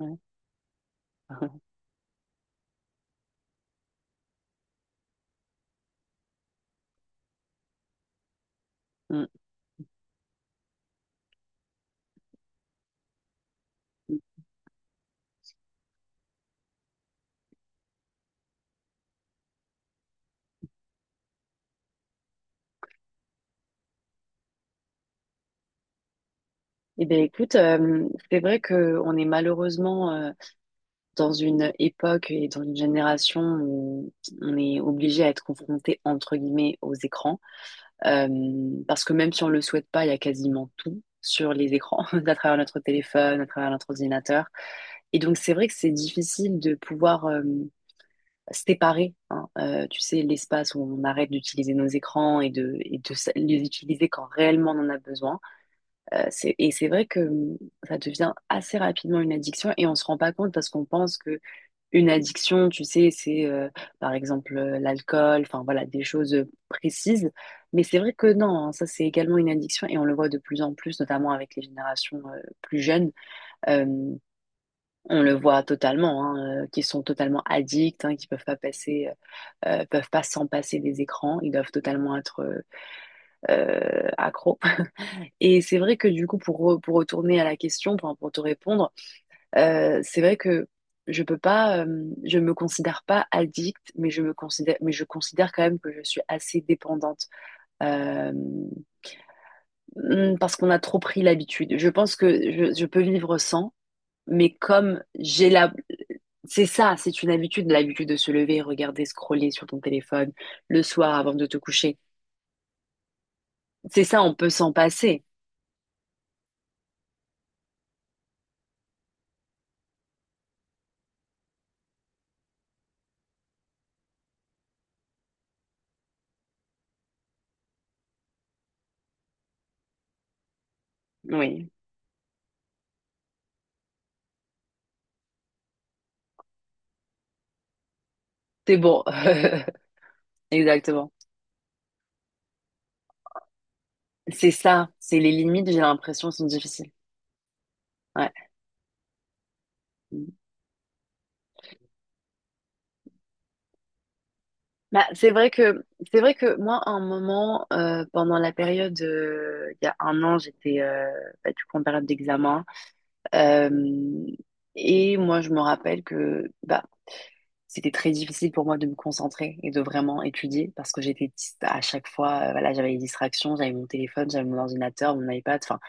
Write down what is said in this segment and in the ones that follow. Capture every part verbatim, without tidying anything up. Ouais. Mm. Eh bien, écoute, euh, c'est vrai qu'on est malheureusement euh, dans une époque et dans une génération où on est obligé à être confronté, entre guillemets, aux écrans. Euh, parce que même si on le souhaite pas, il y a quasiment tout sur les écrans, à travers notre téléphone, à travers notre ordinateur. Et donc, c'est vrai que c'est difficile de pouvoir euh, séparer, hein, euh, tu sais, l'espace où on arrête d'utiliser nos écrans et de, et de s- les utiliser quand réellement on en a besoin. Euh, c'est- et c'est vrai que hum, ça devient assez rapidement une addiction et on se rend pas compte parce qu'on pense que une addiction, tu sais, c'est euh, par exemple euh, l'alcool, enfin voilà, des choses précises. Mais c'est vrai que non, hein, ça c'est également une addiction et on le voit de plus en plus, notamment avec les générations euh, plus jeunes. Euh, on le voit totalement, hein, euh, qui sont totalement addicts, hein, qui peuvent pas passer, euh, peuvent pas s'en passer des écrans, ils doivent totalement être euh, euh, accros. Et c'est vrai que du coup, pour, re- pour retourner à la question, enfin, pour te répondre, euh, c'est vrai que je peux pas, euh, je me considère pas addict, mais je me considère, mais je considère quand même que je suis assez dépendante euh, mm, parce qu'on a trop pris l'habitude. Je pense que je, je peux vivre sans, mais comme j'ai la, c'est ça, c'est une habitude, l'habitude de se lever, regarder, scroller sur ton téléphone le soir avant de te coucher. C'est ça, on peut s'en passer. Oui, c'est bon, exactement. C'est ça, c'est les limites, j'ai l'impression, sont difficiles. Ouais. Bah, c'est vrai que c'est vrai que moi, à un moment, euh, pendant la période, euh, il y a un an, j'étais euh, bah, du coup en période d'examen. Euh, et moi, je me rappelle que bah, c'était très difficile pour moi de me concentrer et de vraiment étudier parce que j'étais dist- à chaque fois, euh, voilà, j'avais les distractions, j'avais mon téléphone, j'avais mon ordinateur, mon iPad, enfin,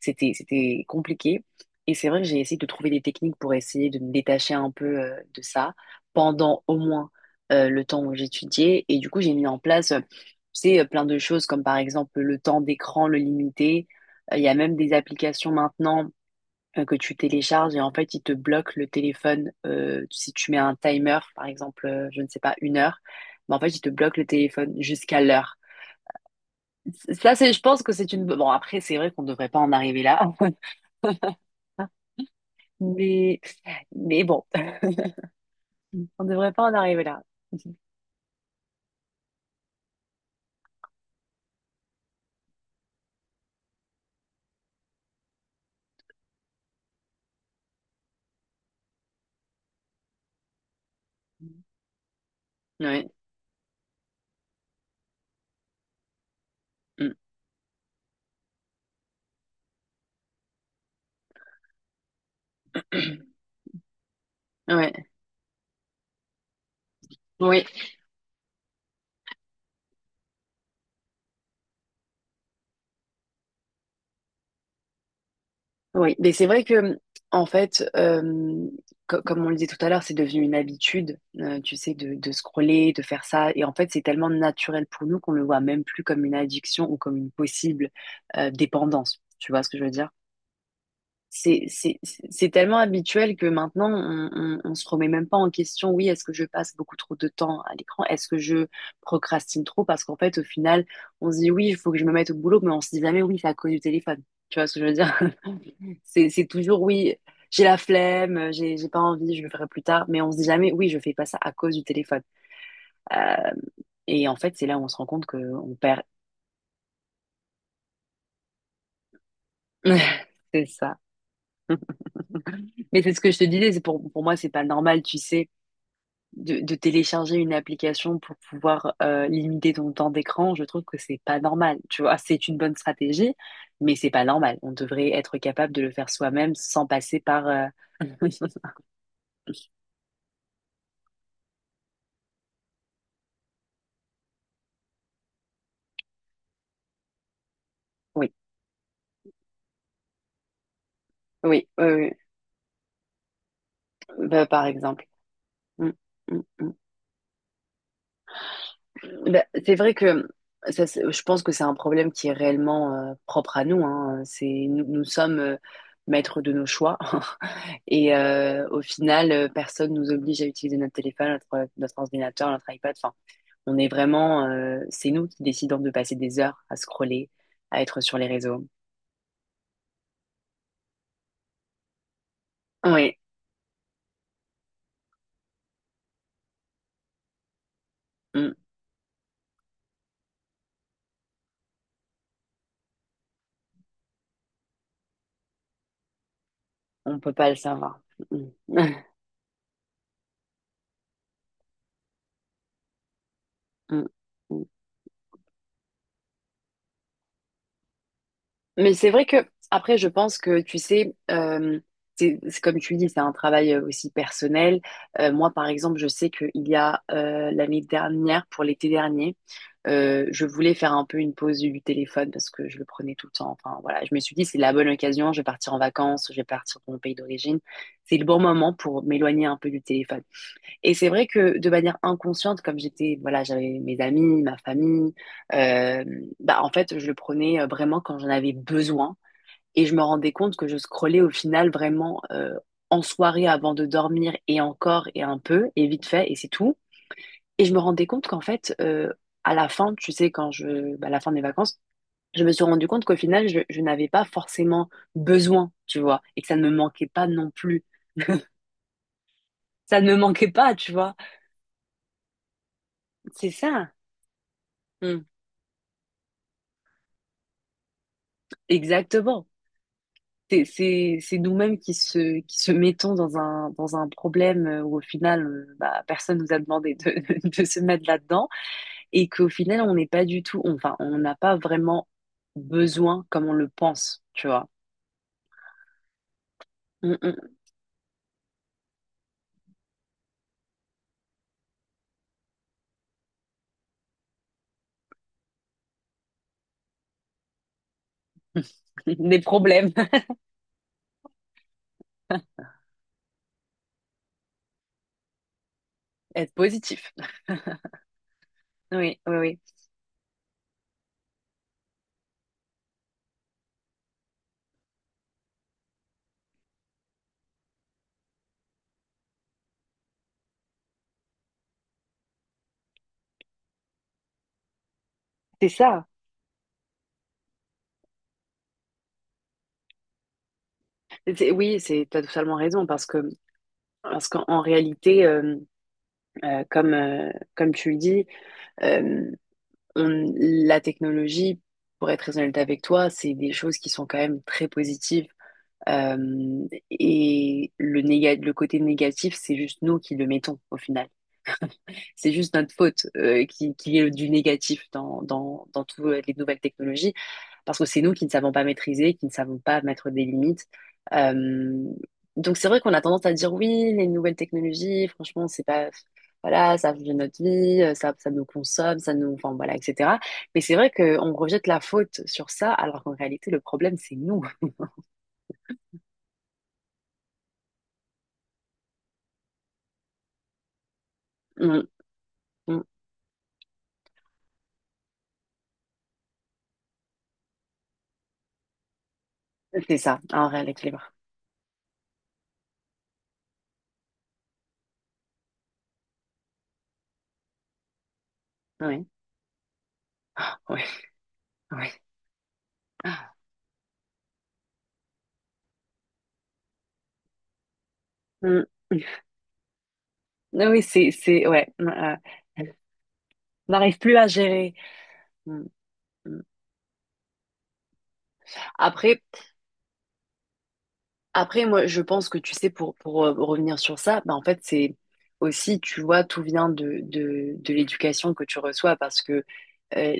C'était, c'était compliqué. Et c'est vrai que j'ai essayé de trouver des techniques pour essayer de me détacher un peu euh, de ça pendant au moins euh, le temps où j'étudiais. Et du coup, j'ai mis en place, euh, tu sais, euh, plein de choses comme par exemple le temps d'écran, le limiter. Euh, Il y a même des applications maintenant euh, que tu télécharges et en fait, ils te bloquent le téléphone euh, si tu mets un timer, par exemple, euh, je ne sais pas, une heure. Mais en fait, ils te bloquent le téléphone jusqu'à l'heure. Ça, c'est, je pense que c'est une. Bon, après, c'est vrai qu'on ne devrait pas en arriver là. Mais, mais bon, on ne devrait pas en arriver là. Ouais. Mm. Ouais. Oui. Oui. Mais c'est vrai que, en fait, euh, co- comme on le disait tout à l'heure, c'est devenu une habitude, euh, tu sais, de, de scroller, de faire ça. Et en fait, c'est tellement naturel pour nous qu'on le voit même plus comme une addiction ou comme une possible, euh, dépendance. Tu vois ce que je veux dire? c'est c'est- c'est tellement habituel que maintenant, on, on, on se remet même pas en question, oui, est-ce que je passe beaucoup trop de temps à l'écran? Est-ce que je procrastine trop? Parce qu'en fait, au final, on se dit, oui, il faut que je me mette au boulot, mais on se dit jamais, oui, c'est à cause du téléphone. Tu vois ce que je veux dire? C'est, c'est toujours, oui, j'ai la flemme, j'ai, j'ai pas envie, je le ferai plus tard, mais on se dit jamais, oui, je fais pas ça à cause du téléphone. Euh, et en fait, c'est là où on se rend compte qu'on perd. C'est ça. Mais c'est ce que je te disais, c'est pour, pour moi, c'est pas normal, tu sais, de, de télécharger une application pour pouvoir euh, limiter ton temps d'écran, je trouve que c'est pas normal. Tu vois, c'est une bonne stratégie, mais c'est pas normal. On devrait être capable de le faire soi-même sans passer par. euh, Oui, oui, euh, bah, par exemple. Mm, mm, mm. Bah, c'est vrai que ça, c'est- je pense que c'est un problème qui est réellement euh, propre à nous, hein. C'est, nous, nous sommes euh, maîtres de nos choix et euh, au final, euh, personne nous oblige à utiliser notre téléphone, notre, notre ordinateur, notre iPad. Enfin, on est vraiment, euh, c'est nous qui décidons de passer des heures à scroller, à être sur les réseaux. Oui, on peut pas le savoir. Mm. Mm. Mais c'est vrai que, après, je pense que, tu sais, euh, c'est c'est comme tu dis, c'est un travail euh, aussi personnel. Euh, moi, par exemple, je sais qu'il y a euh, l'année dernière, pour l'été dernier, euh, je voulais faire un peu une pause du téléphone parce que je le prenais tout le temps. Enfin, voilà, je me suis dit, c'est la bonne occasion, je vais partir en vacances, je vais partir dans mon pays d'origine. C'est le bon moment pour m'éloigner un peu du téléphone. Et c'est vrai que de manière inconsciente, comme j'étais, voilà, j'avais mes amis, ma famille, euh, bah, en fait, je le prenais euh, vraiment quand j'en avais besoin. Et je me rendais compte que je scrollais au final vraiment euh, en soirée avant de dormir et encore et un peu et vite fait et c'est tout. Et je me rendais compte qu'en fait, euh, à la fin, tu sais, quand je, bah, à la fin des vacances, je me suis rendu compte qu'au final, je, je n'avais pas forcément besoin, tu vois, et que ça ne me manquait pas non plus. Ça ne me manquait pas, tu vois. C'est ça. Mm. Exactement. C'est, c'est, c'est nous-mêmes qui se, qui se, mettons dans un, dans un problème euh, où au final, euh, bah, personne nous a demandé de, de se mettre là-dedans et qu'au final, on n'est pas du tout, enfin, on n'a pas vraiment besoin comme on le pense, tu vois. Mm, mm. Des problèmes. Être positif. Oui, oui, oui. C'est ça. C'est- Oui, c'est, t'as totalement raison parce que, parce qu'en en réalité, euh, euh, comme, euh, comme tu le dis, euh, on- la technologie, pour être très honnête avec toi, c'est des choses qui sont quand même très positives. Euh, et le néga- le côté négatif, c'est juste nous qui le mettons au final. C'est juste notre faute euh, qu'il qu'il y ait du négatif dans, dans, dans toutes les nouvelles technologies, parce que c'est nous qui ne savons pas maîtriser, qui ne savons pas mettre des limites. Euh, donc c'est vrai qu'on a tendance à dire oui, les nouvelles technologies, franchement, c'est pas. Voilà, ça change notre vie, euh, ça, ça nous consomme, ça nous. Enfin, voilà, et cetera. Mais c'est vrai qu'on rejette la faute sur ça, alors qu'en réalité, le problème, c'est nous. Mm, mm. C'est ça, en réalité. Oui, oui, oui. Mm. Ah oui, c'est, c'est, ouais. euh, N'arrive plus à gérer. Mm, mm. Après, après, moi, je pense que tu sais, pour, pour euh, revenir sur ça, bah, en fait, c'est aussi, tu vois, tout vient de, de, de l'éducation que tu reçois parce que euh,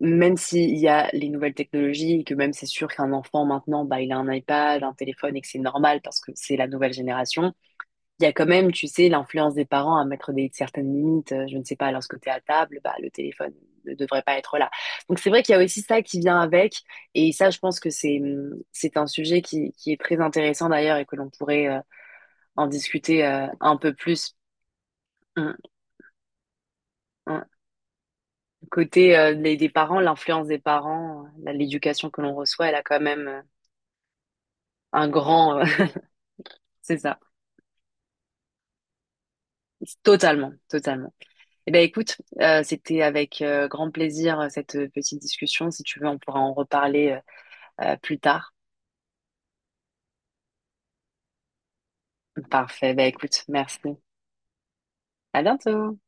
même s'il y a les nouvelles technologies et que même c'est sûr qu'un enfant maintenant, bah, il a un iPad, un téléphone et que c'est normal parce que c'est la nouvelle génération, il y a quand même, tu sais, l'influence des parents à mettre des certaines limites. Euh, Je ne sais pas, lorsque tu es à table, bah, le téléphone ne devrait pas être là. Donc c'est vrai qu'il y a aussi ça qui vient avec. Et ça, je pense que c'est hum, c'est un sujet qui, qui est très intéressant d'ailleurs et que l'on pourrait euh, en discuter euh, un peu plus. Hum, hum. Côté euh, des, des parents, l'influence des parents, euh, l'éducation que l'on reçoit, elle a quand même euh, un grand. Euh, c'est ça. Totalement, totalement. Eh ben écoute, euh, c'était avec euh, grand plaisir euh, cette euh, petite discussion. Si tu veux, on pourra en reparler euh, euh, plus tard. Parfait. Ben écoute, merci. À bientôt.